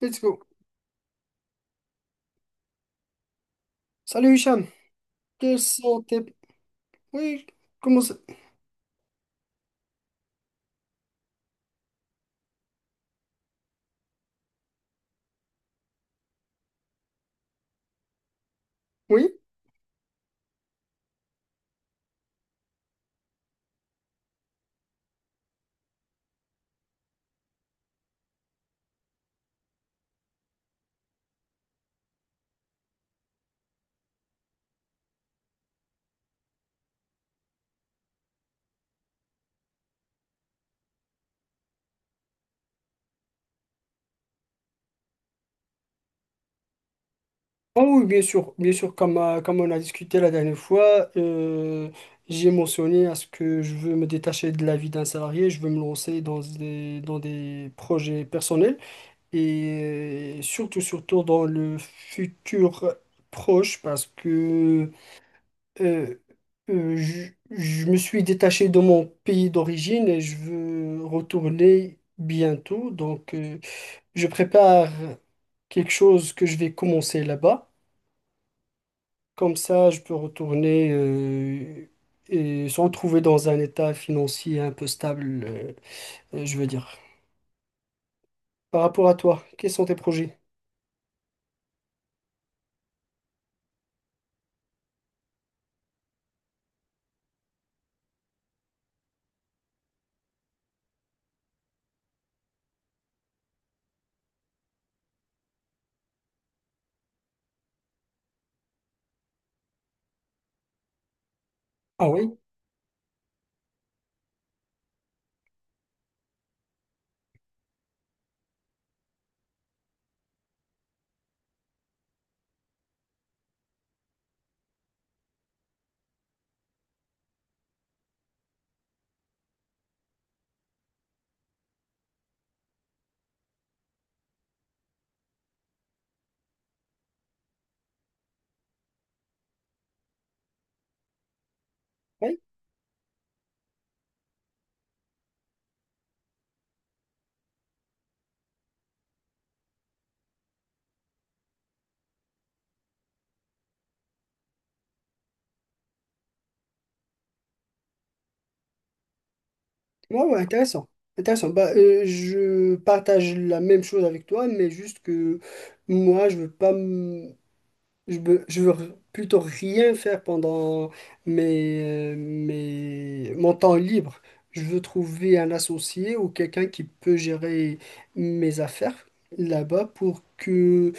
Let's go. Salut Hicham. Quels sont tes... Oui, comment ça... Oui? Ah oui, bien sûr. Bien sûr, comme, comme on a discuté la dernière fois, j'ai mentionné à ce que je veux me détacher de la vie d'un salarié, je veux me lancer dans dans des projets personnels et surtout dans le futur proche parce que euh, je me suis détaché de mon pays d'origine et je veux retourner bientôt. Donc, je prépare quelque chose que je vais commencer là-bas. Comme ça, je peux retourner et se retrouver dans un état financier un peu stable, je veux dire. Par rapport à toi, quels sont tes projets? Ah oui, oui, ouais, ouais, intéressant. Intéressant. Bah, je partage la même chose avec toi, mais juste que moi, je veux pas. Je veux plutôt rien faire pendant mon temps libre. Je veux trouver un associé ou quelqu'un qui peut gérer mes affaires là-bas pour que,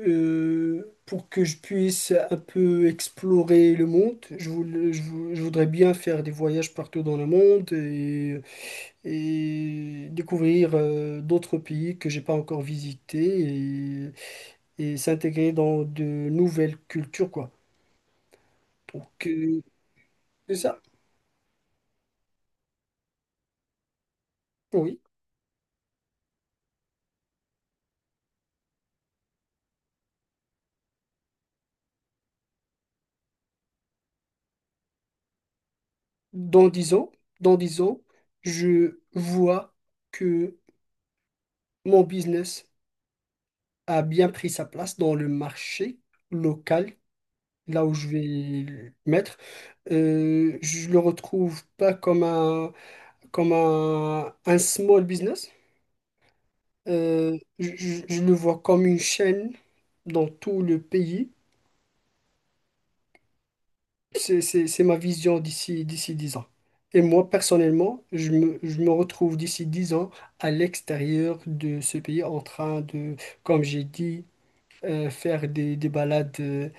euh, pour que je puisse un peu explorer le monde. Je je voudrais bien faire des voyages partout dans le monde et découvrir d'autres pays que j'ai pas encore visités et s'intégrer dans de nouvelles cultures, quoi. Donc, c'est ça, oui. Dans 10 ans, dans 10 ans, je vois que mon business a bien pris sa place dans le marché local, là où je vais le mettre. Je le retrouve pas comme un small business. Je le vois comme une chaîne dans tout le pays. C'est ma vision d'ici d'ici 10 ans. Et moi, personnellement, je me retrouve d'ici 10 ans à l'extérieur de ce pays en train de, comme j'ai dit, faire des balades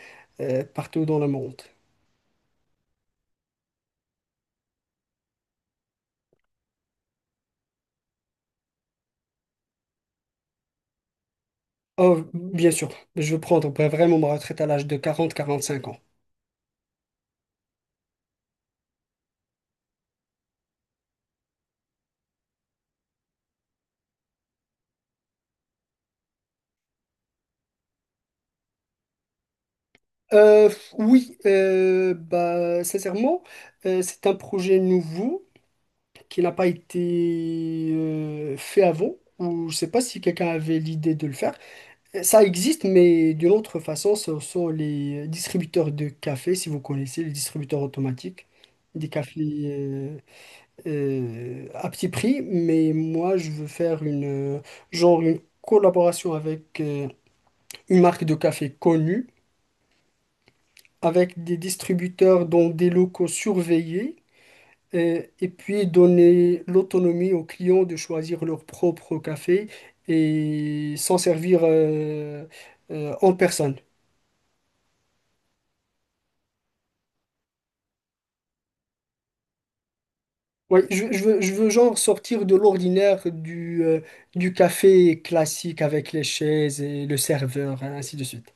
partout dans le monde. Oh, bien sûr, je veux prendre bah, vraiment ma retraite à l'âge de 40 45 ans. Euh, oui, bah, sincèrement, c'est un projet nouveau qui n'a pas été fait avant, ou je ne sais pas si quelqu'un avait l'idée de le faire. Ça existe, mais d'une autre façon, ce sont les distributeurs de café, si vous connaissez, les distributeurs automatiques, des cafés euh, à petit prix. Mais moi, je veux faire euh, genre une collaboration avec une marque de café connue, avec des distributeurs dans des locaux surveillés, et puis donner l'autonomie aux clients de choisir leur propre café et s'en servir en personne. Ouais, je veux genre sortir de l'ordinaire du café classique avec les chaises et le serveur, hein, ainsi de suite.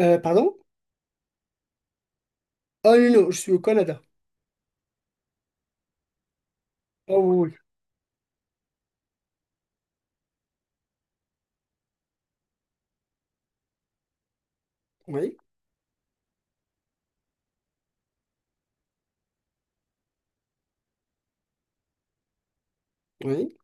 Pardon? Ah non, non, je suis au Canada. Ah oui, oui, oui.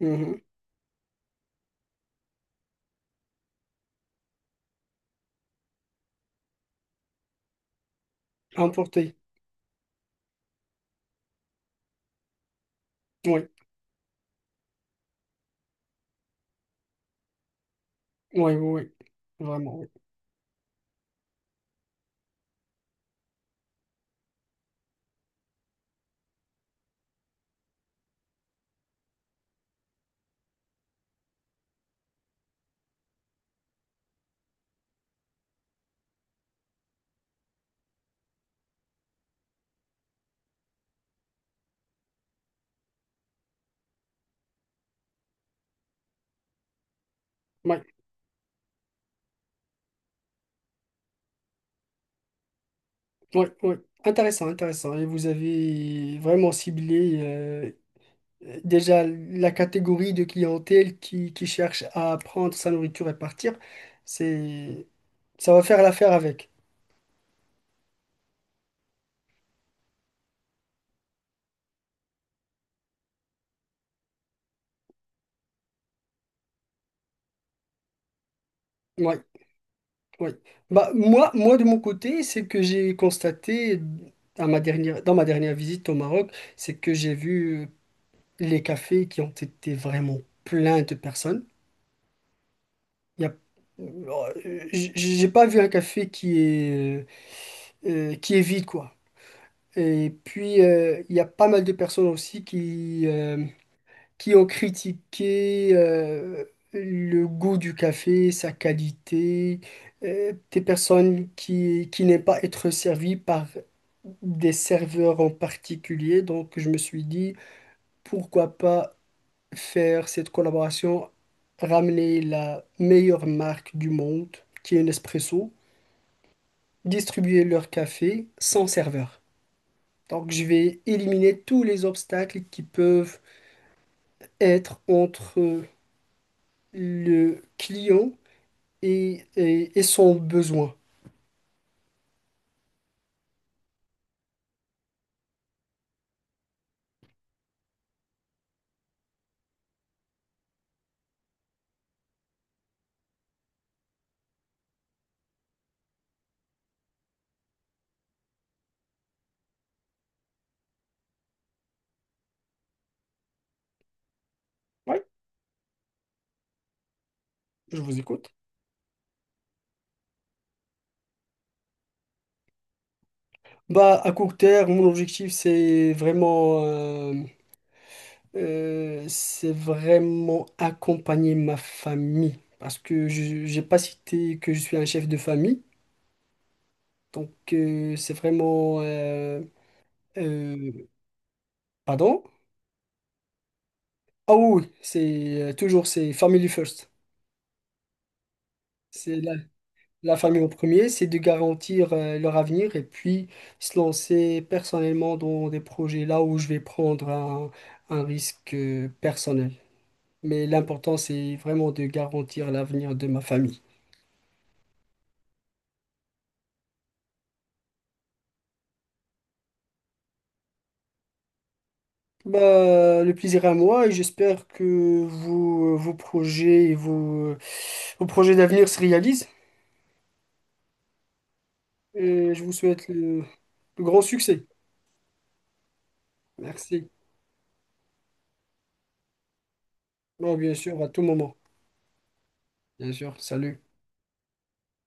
Oui, mhm. Emporté. Oui, oui, oui, oui. Vraiment, oui. Oui, oui, oui. Intéressant, intéressant. Et vous avez vraiment ciblé déjà la catégorie de clientèle qui cherche à prendre sa nourriture et partir. C'est, ça va faire l'affaire avec. Oui. Oui. Bah, moi, de mon côté, c'est que j'ai constaté à ma dernière, dans ma dernière visite au Maroc, c'est que j'ai vu les cafés qui ont été vraiment pleins de personnes. Il y a, euh, j'ai pas vu un café qui est vide, quoi. Et puis, il y a pas mal de personnes aussi qui ont critiqué le goût du café, sa qualité, des personnes qui n'aiment pas être servies par des serveurs en particulier. Donc je me suis dit, pourquoi pas faire cette collaboration, ramener la meilleure marque du monde, qui est Nespresso, distribuer leur café sans serveur. Donc je vais éliminer tous les obstacles qui peuvent être entre le client et son besoin. Oui, je vous écoute. Bah, à court terme, mon objectif, c'est vraiment accompagner ma famille. Parce que je n'ai pas cité que je suis un chef de famille. Donc, c'est vraiment... euh, pardon? Ah oui, oui, c'est toujours c'est family first. C'est la famille au premier, c'est de garantir leur avenir et puis se lancer personnellement dans des projets là où je vais prendre un risque personnel. Mais l'important, c'est vraiment de garantir l'avenir de ma famille. Bah, le plaisir est à moi et j'espère que vos, vos projets et vos, vos projets d'avenir se réalisent. Et je vous souhaite le grand succès. Merci. Bon, bien sûr, à tout moment. Bien sûr, salut.